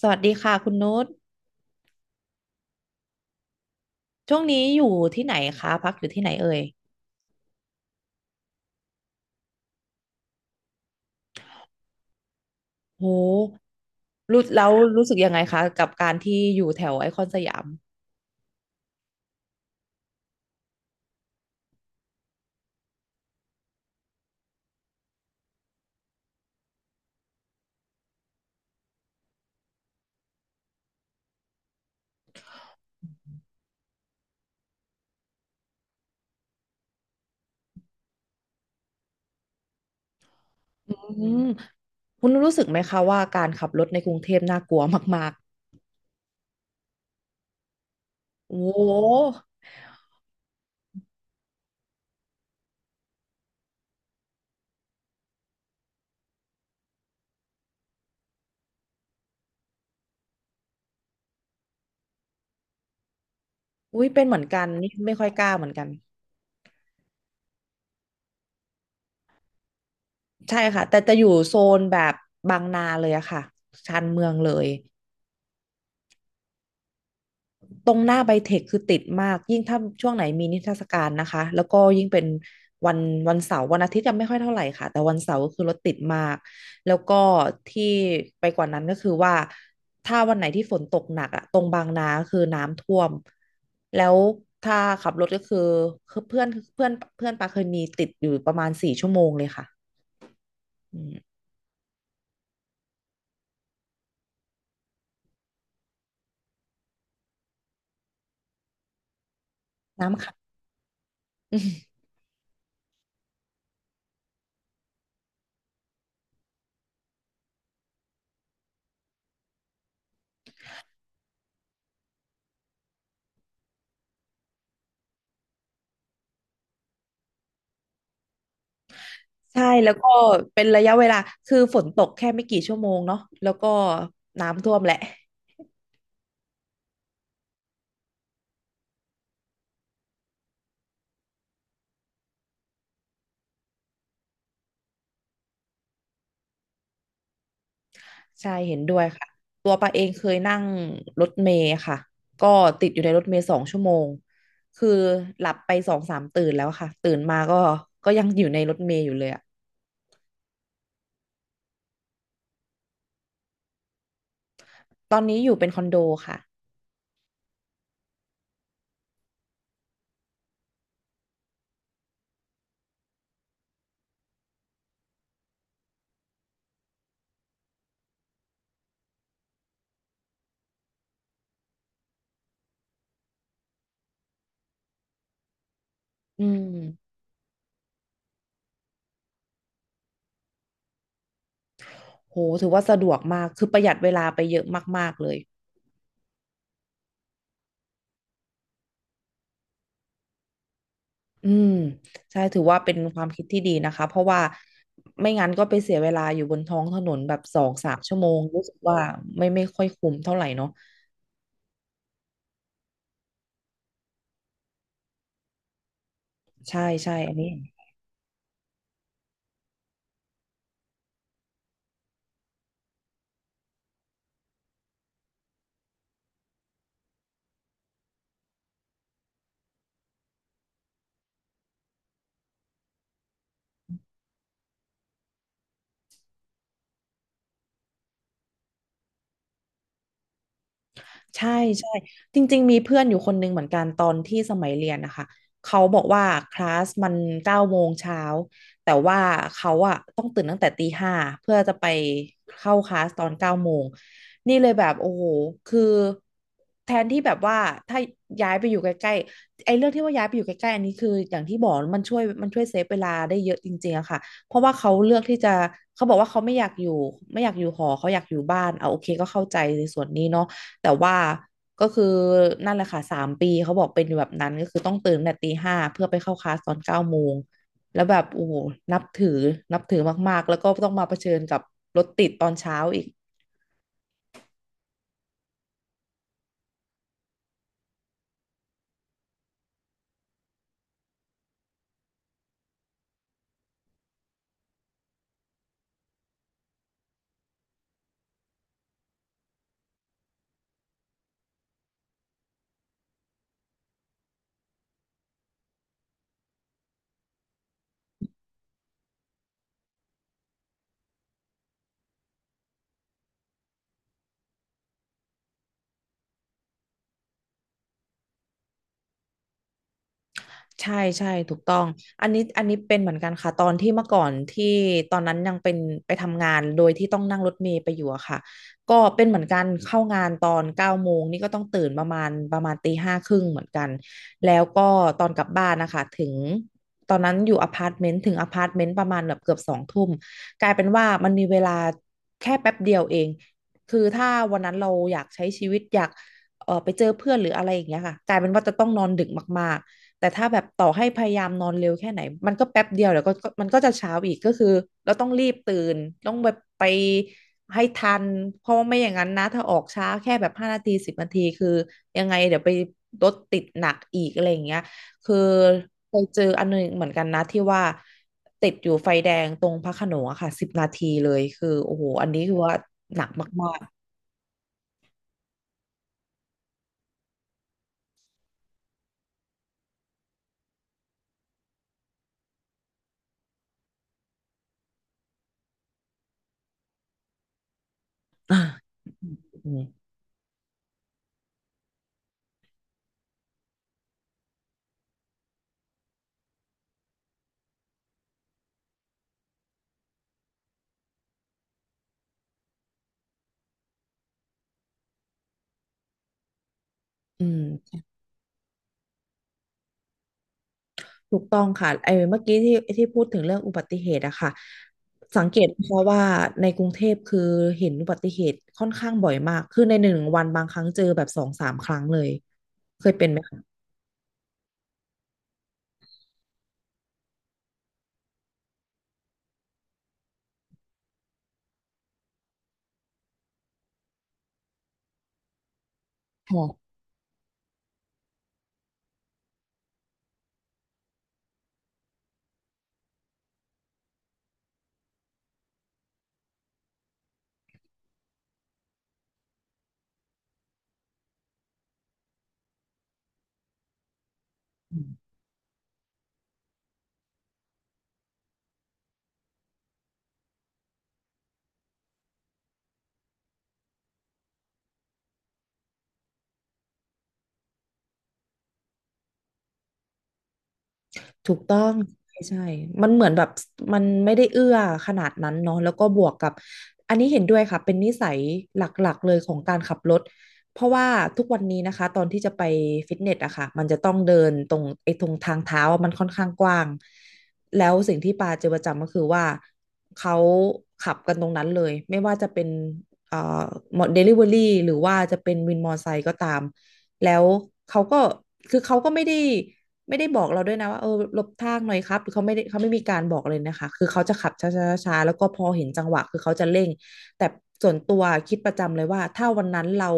สวัสดีค่ะคุณนุชช่วงนี้อยู่ที่ไหนคะพักอยู่ที่ไหนเอ่ยโหรู้แล้วรู้สึกยังไงคะกับการที่อยู่แถวไอคอนสยามอืมคุณรู้สึกไหมคะว่าการขับรถในกรุงเทพน่ากลัวมากๆโอ้โหอุ้ยเป็นเหมือนกันนี่ไม่ค่อยกล้าเหมือนกันใช่ค่ะแต่จะอยู่โซนแบบบางนาเลยอะค่ะชานเมืองเลย ตรงหน้าไบเทคคือติดมากยิ่งถ้าช่วงไหนมีนิทรรศการนะคะแล้วก็ยิ่งเป็นวันวันเสาร์วันอาทิตย์ยัไม่ค่อยเท่าไหร่ค่ะแต่วันเสาร์ก็คือรถติดมากแล้วก็ที่ไปกว่านั้นก็คือว่าถ้าวันไหนที่ฝนตกหนักอะตรงบางนาคือน้ำท่วมแล้วถ้าขับรถก็คือคือเพื่อนปาเคยมีติดอยู่ประมาณสี่ชั่วโมงเลยค่ะอืมน้ำขัง ใช่แล้วก็เป็นระยะเวลาคือฝนตกแค่ไม่กี่ชั่วโมงเนาะแล้วก็น้ำท่วมแหละ ใช่เห็นด้วยค่ะตัวปาเองเคยนั่งรถเมล์ค่ะก็ติดอยู่ในรถเมล์สองชั่วโมงคือหลับไปสองสามตื่นแล้วค่ะตื่นมาก็ก็ยังอยู่ในรถเมล์อยู่เลยอะตอนนี้อยู่เป็นคอนโดค่ะอืมโหถือว่าสะดวกมากคือประหยัดเวลาไปเยอะมากๆเลยอืมใช่ถือว่าเป็นความคิดที่ดีนะคะเพราะว่าไม่งั้นก็ไปเสียเวลาอยู่บนท้องถนนแบบสองสามชั่วโมงรู้สึกว่าไม่ค่อยคุ้มเท่าไหร่เนาะใช่ใช่อันนี้ ใช่ใช่จริงๆมีเพื่อนอยู่คนหนึ่งเหมือนกันตอนที่สมัยเรียนนะคะเขาบอกว่าคลาสมันเก้าโมงเช้าแต่ว่าเขาอะต้องตื่นตั้งแต่ตีห้าเพื่อจะไปเข้าคลาสตอนเก้าโมงนี่เลยแบบโอ้โหคือแทนที่แบบว่าถ้าย้ายไปอยู่ใกล้ๆไอ้เรื่องที่ว่าย้ายไปอยู่ใกล้ๆอันนี้คืออย่างที่บอกมันช่วยเซฟเวลาได้เยอะจริงๆอะค่ะเพราะว่าเขาเลือกที่จะเขาบอกว่าเขาไม่อยากอยู่ไม่อยากอยู่หอเขาอยากอยู่บ้านเอาโอเคก็เข้าใจในส่วนนี้เนาะ แต่ว่าก็คือนั่นแหละค่ะสามปีเขาบอกเป็นแบบนั้นก็คือต้องตื่นแต่ตีห้าเพื่อไปเข้าคลาสตอนเก้าโมงแล้วแบบโอ้โหนับถือนับถือมากๆแล้วก็ต้องมาเผชิญกับรถติดตอนเช้าอีก ใช่ใช่ถูกต้องอันนี้เป็นเหมือนกันค่ะตอนที่เมื่อก่อนที่ตอนนั้นยังเป็นไปทำงานโดยที่ต้องนั่งรถเมล์ไปอยู่อะค่ะก็เป็นเหมือนกันเข้างานตอนเก้าโมงนี่ก็ต้องตื่นประมาณตีห้าครึ่งเหมือนกันแล้วก็ตอนกลับบ้านนะคะถึงตอนนั้นอยู่อพาร์ตเมนต์ถึงอพาร์ตเมนต์ประมาณแบบเกือบสองทุ่มกลายเป็นว่ามันมีเวลาแค่แป๊บเดียวเอง คือถ้าวันนั้นเราอยากใช้ชีวิตอยากไปเจอเพื่อนหรืออะไรอย่างเงี้ยค่ะกลายเป็นว่าจะต้องนอนดึกมาก แต่ถ้าแบบต่อให้พยายามนอนเร็วแค่ไหนมันก็แป๊บเดียวแล้วก็ก็มันก็จะเช้าอีกก็คือเราต้องรีบตื่นต้องแบบไปให้ทันเพราะว่าไม่อย่างนั้นนะถ้าออกช้าแค่แบบห้านาทีสิบนาทีคือยังไงเดี๋ยวไปรถติดหนักอีกอะไรอย่างเงี้ยคือเคยเจออันหนึงเหมือนกันนะที่ว่าติดอยู่ไฟแดงตรงพระโขนงอะค่ะสิบนาทีเลยคือโอ้โหอันนี้คือว่าหนักมากๆอ่าอืมอืม ถูกต้องค่ะไอ้เมื่อกี้ที่พูดถึงเรื่องอุบัติเหตุอะค่ะสังเกตนะคะว่าในกรุงเทพคือเห็นอุบัติเหตุค่อนข้างบ่อยมากคือในหนึ่งวันบางครั้งเจอแบบสองสามครั้งเลยเคยเป็นไหมคะค่ะ ถูกต้องใช่ใช่ มันเหมือนแบบมันไม่ได้เอื้อขนาดนั้นเนาะแล้วก็บวกกับอันนี้เห็นด้วยค่ะเป็นนิสัยหลักๆเลยของการขับรถเพราะว่าทุกวันนี้นะคะตอนที่จะไปฟิตเนสอะค่ะมันจะต้องเดินตรงไอ้ตรงทางเท้าอะมันค่อนข้างกว้างแล้วสิ่งที่ปาเจอประจำก็คือว่าเขาขับกันตรงนั้นเลยไม่ว่าจะเป็นเอ่อเดลิเวอรี่หรือว่าจะเป็นวินมอเตอร์ไซค์ก็ตาม แล้วเขาก็คือเขาก็ไม่ได้บอกเราด้วยนะว่าเออหลบทางหน่อยครับือเขาไม่ได้เขาไม่มีการบอกเลยนะคะคือเขาจะขับช้าๆๆแล้วก็พอเห็นจังหวะคือเขาจะเร่งแต่ส่วนตัวคิดประจำเลยว่าถ้าวันนั้นเรา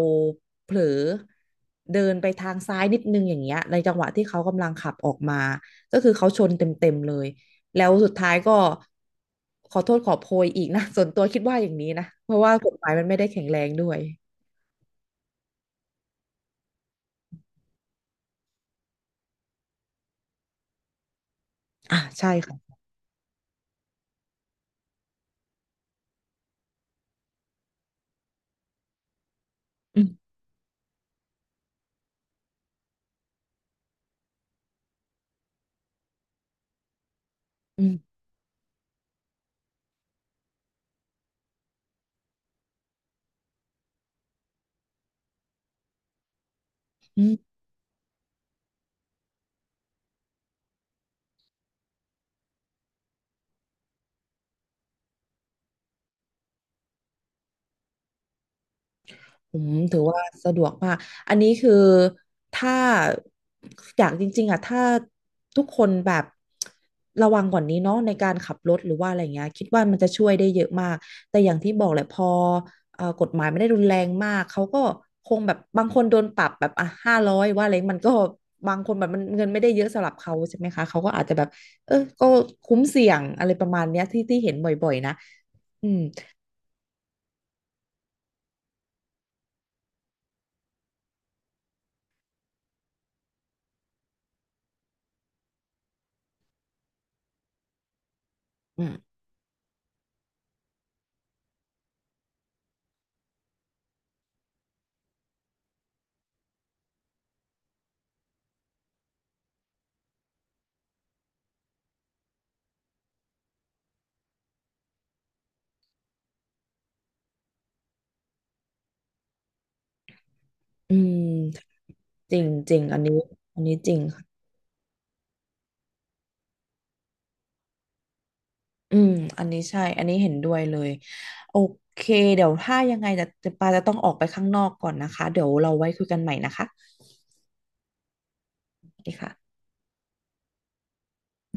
เผลอเดินไปทางซ้ายนิดนึงอย่างเงี้ยในจังหวะที่เขากำลังขับออกมาก็คือเขาชนเต็มๆเลยแล้วสุดท้ายก็ขอโทษขอโพยอีกนะ ส่วนตัวคิดว่าอย่างนี้นะเพราะว่ากฎหมายมันไม่ได้แข็งแรงด้วยอ่ะใช่ค่ะอืมอืมอืม อืมถือว่าสะดวกมาก อันนี้คือถ้าอยากจริงๆอ่ะถ้าทุกคนแบบระวังกว่านี้เนาะในการขับรถหรือว่าอะไรเงี้ยคิดว่ามันจะช่วยได้เยอะมากแต่อย่างที่บอกแหละพอกฎหมายไม่ได้รุนแรงมากเขาก็คงแบบบางคนโดนปรับแบบอ่ะห้าร้อยว่าอะไรมันก็บางคนแบบมันเงินไม่ได้เยอะสำหรับเขาใช่ไหมคะเขาก็อาจจะแบบเออก็คุ้มเสี่ยงอะไรประมาณเนี้ยที่เห็นบ่อยๆนะอืมอืมอืมจริงจริงอันนี้อันนี้จริงค่ะ อืม อันนี้ใช่ อันนี้เห็นด้วยเลย โอเค เดี๋ยวถ้ายังไงจะปาจะต้องออกไปข้างนอกก่อนนะคะ เดี๋ยวเราไว้คุยกันใหม่นะคะสวัสดีค่ะ